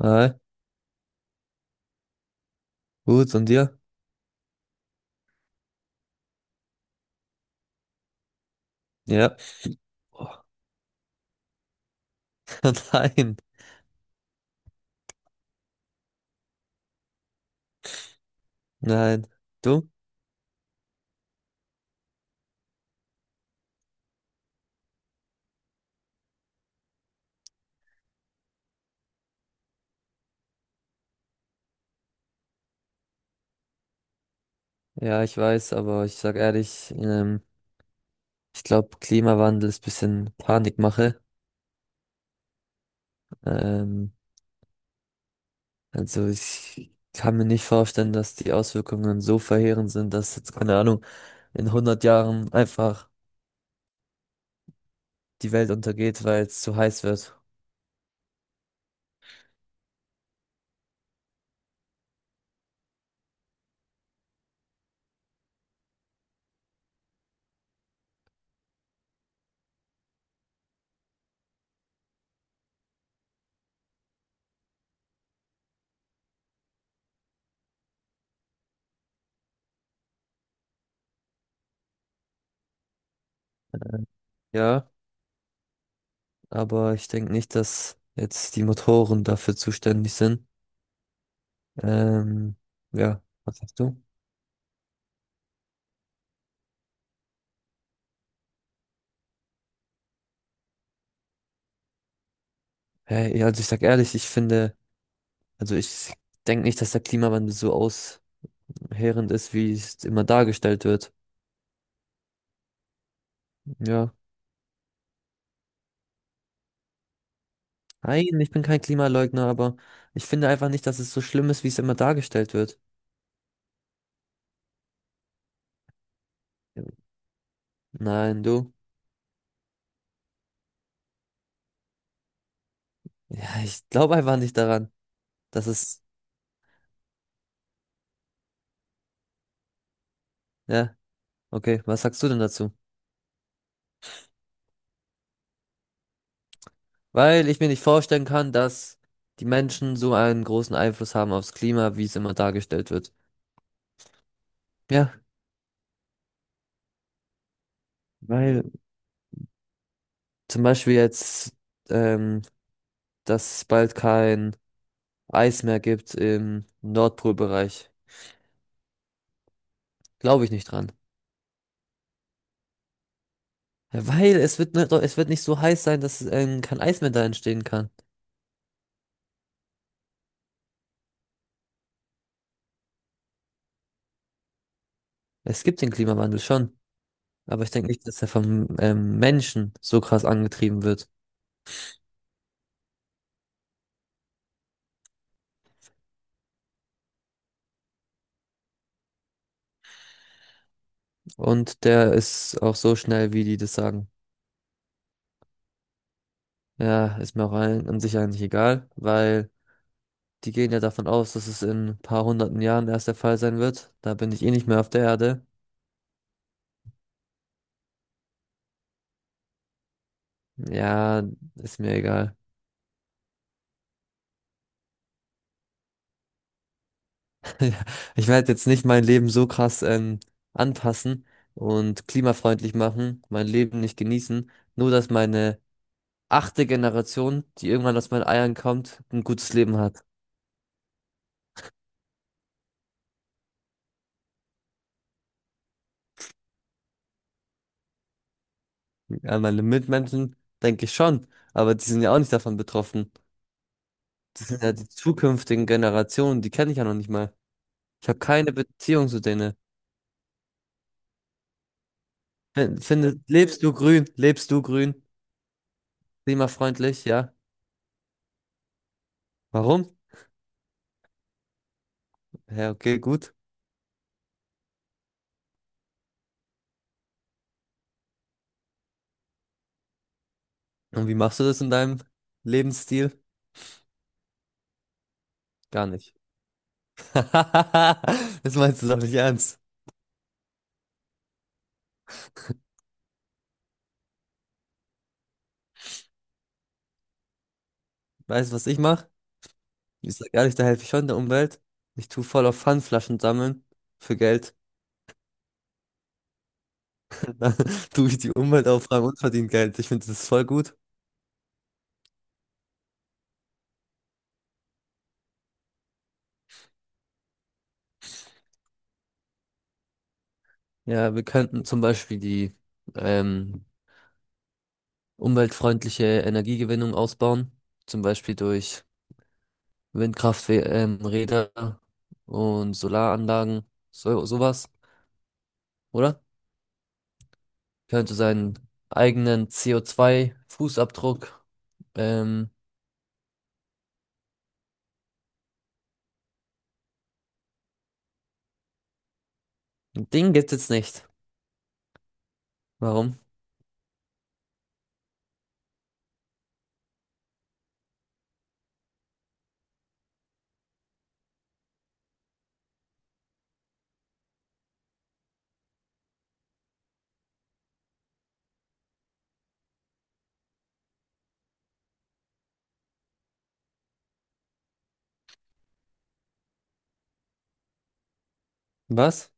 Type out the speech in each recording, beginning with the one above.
Hi, gut, und dir? Ja. Oh, nein, nein. Du? Ja, ich weiß, aber ich sag ehrlich, ich glaube, Klimawandel ist bisschen Panikmache. Ähm, also ich kann mir nicht vorstellen, dass die Auswirkungen so verheerend sind, dass jetzt, keine Ahnung, in 100 Jahren einfach die Welt untergeht, weil es zu heiß wird. Ja, aber ich denke nicht, dass jetzt die Motoren dafür zuständig sind. Ähm, ja, was sagst du? Hey, also ich sag ehrlich, ich finde, also ich denke nicht, dass der Klimawandel so ausheerend ist, wie es immer dargestellt wird. Ja. Nein, ich bin kein Klimaleugner, aber ich finde einfach nicht, dass es so schlimm ist, wie es immer dargestellt wird. Nein, du? Ja, ich glaube einfach nicht daran, dass es, ja, okay, was sagst du denn dazu? Weil ich mir nicht vorstellen kann, dass die Menschen so einen großen Einfluss haben aufs Klima, wie es immer dargestellt wird. Ja, weil zum Beispiel jetzt, ähm, dass es bald kein Eismeer gibt im Nordpolbereich. Glaube ich nicht dran. Ja, weil es wird, es wird nicht so heiß sein, dass kein Eis mehr da entstehen kann. Es gibt den Klimawandel schon, aber ich denke nicht, dass er vom Menschen so krass angetrieben wird. Und der ist auch so schnell, wie die das sagen. Ja, ist mir auch ein, an sich eigentlich egal, weil die gehen ja davon aus, dass es in ein paar hunderten Jahren erst der Fall sein wird. Da bin ich eh nicht mehr auf der Erde. Ja, ist mir egal. Ich werde jetzt nicht mein Leben so krass anpassen und klimafreundlich machen, mein Leben nicht genießen, nur dass meine achte Generation, die irgendwann aus meinen Eiern kommt, ein gutes Leben hat. An meine Mitmenschen denke ich schon, aber die sind ja auch nicht davon betroffen. Das sind ja die zukünftigen Generationen, die kenne ich ja noch nicht mal. Ich habe keine Beziehung zu denen. Findest, lebst du grün? Lebst du grün? Klimafreundlich, ja. Warum? Ja, okay, gut. Und wie machst du das in deinem Lebensstil? Gar nicht. Das meinst du doch nicht ernst. Weißt du, was ich mache? Ich sag ehrlich, da helfe ich schon der Umwelt. Ich tue voll auf Pfandflaschen sammeln für Geld. Dann tue ich die Umwelt aufräumen und verdiene Geld. Ich finde das voll gut. Ja, wir könnten zum Beispiel die ähm, umweltfreundliche Energiegewinnung ausbauen. Zum Beispiel durch Windkrafträder Räder und Solaranlagen. So, sowas, oder? Könnte seinen eigenen CO2-Fußabdruck. ähm, Den gibt es nicht. Warum? Was?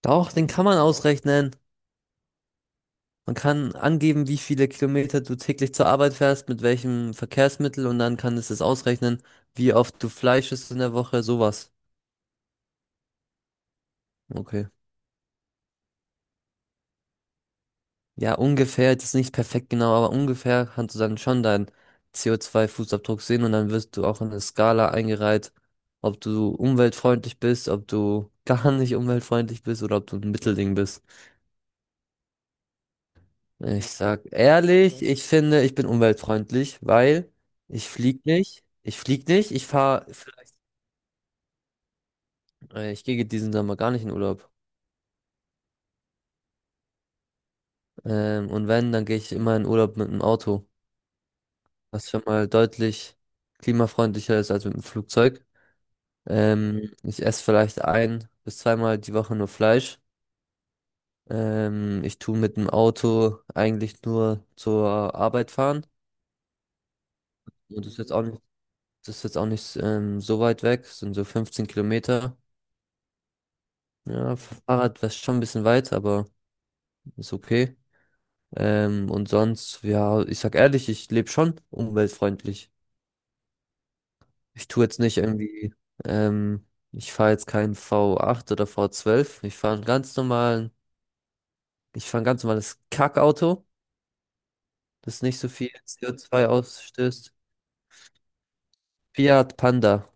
Doch, den kann man ausrechnen. Man kann angeben, wie viele Kilometer du täglich zur Arbeit fährst, mit welchem Verkehrsmittel und dann kann es das ausrechnen, wie oft du Fleisch isst in der Woche, sowas. Okay. Ja, ungefähr, das ist nicht perfekt genau, aber ungefähr kannst du dann schon deinen CO2-Fußabdruck sehen und dann wirst du auch in eine Skala eingereiht, ob du umweltfreundlich bist, ob du gar nicht umweltfreundlich bist oder ob du ein Mittelding bist. Ich sag ehrlich, ich finde, ich bin umweltfreundlich, weil ich flieg nicht, ich flieg nicht, ich fahre vielleicht, ich gehe diesen Sommer gar nicht in Urlaub. Und wenn, dann gehe ich immer in Urlaub mit dem Auto, was schon mal deutlich klimafreundlicher ist als mit dem Flugzeug. Ich esse vielleicht ein bis zweimal die Woche nur Fleisch. Ich tu mit dem Auto eigentlich nur zur Arbeit fahren. Und das ist jetzt auch nicht, das ist jetzt auch nicht so weit weg, sind so 15 Kilometer. Ja, Fahrrad war schon ein bisschen weit, aber ist okay. Und sonst, ja, ich sag ehrlich, ich lebe schon umweltfreundlich. Ich tue jetzt nicht irgendwie, ähm, ich fahre jetzt keinen V8 oder V12. Ich fahre einen ganz normalen, ich fahre ein ganz normales Kackauto, das nicht so viel CO2 ausstößt. Fiat Panda.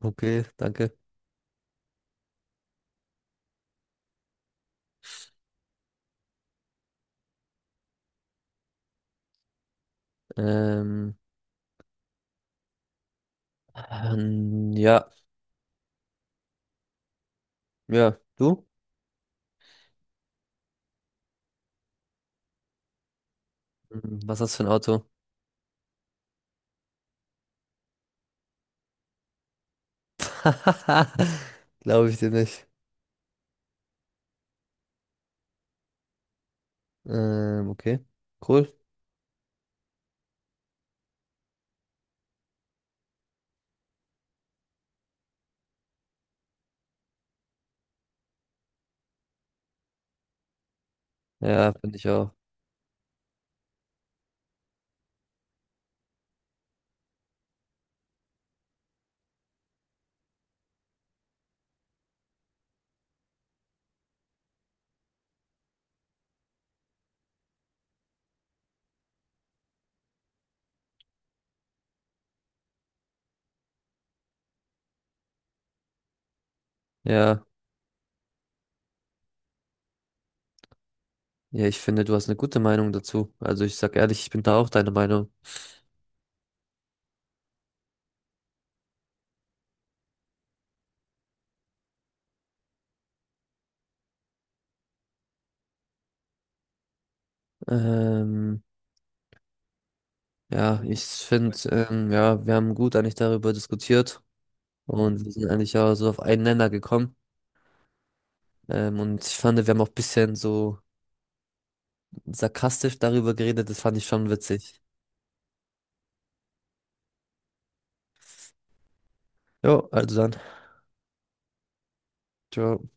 Okay, danke. Ähm, ja, ja, du? Hm, was hast du für ein Auto? Glaube ich dir nicht. Okay. Cool. Ja, finde ich auch. Ja. Ja, ich finde, du hast eine gute Meinung dazu. Also ich sag ehrlich, ich bin da auch deiner Meinung. Ähm, ja, ich finde, ja, wir haben gut eigentlich darüber diskutiert und wir sind eigentlich auch so auf einen Nenner gekommen. Und ich fand, wir haben auch ein bisschen so sarkastisch darüber geredet. Das fand ich schon witzig. Jo, also dann. Ciao.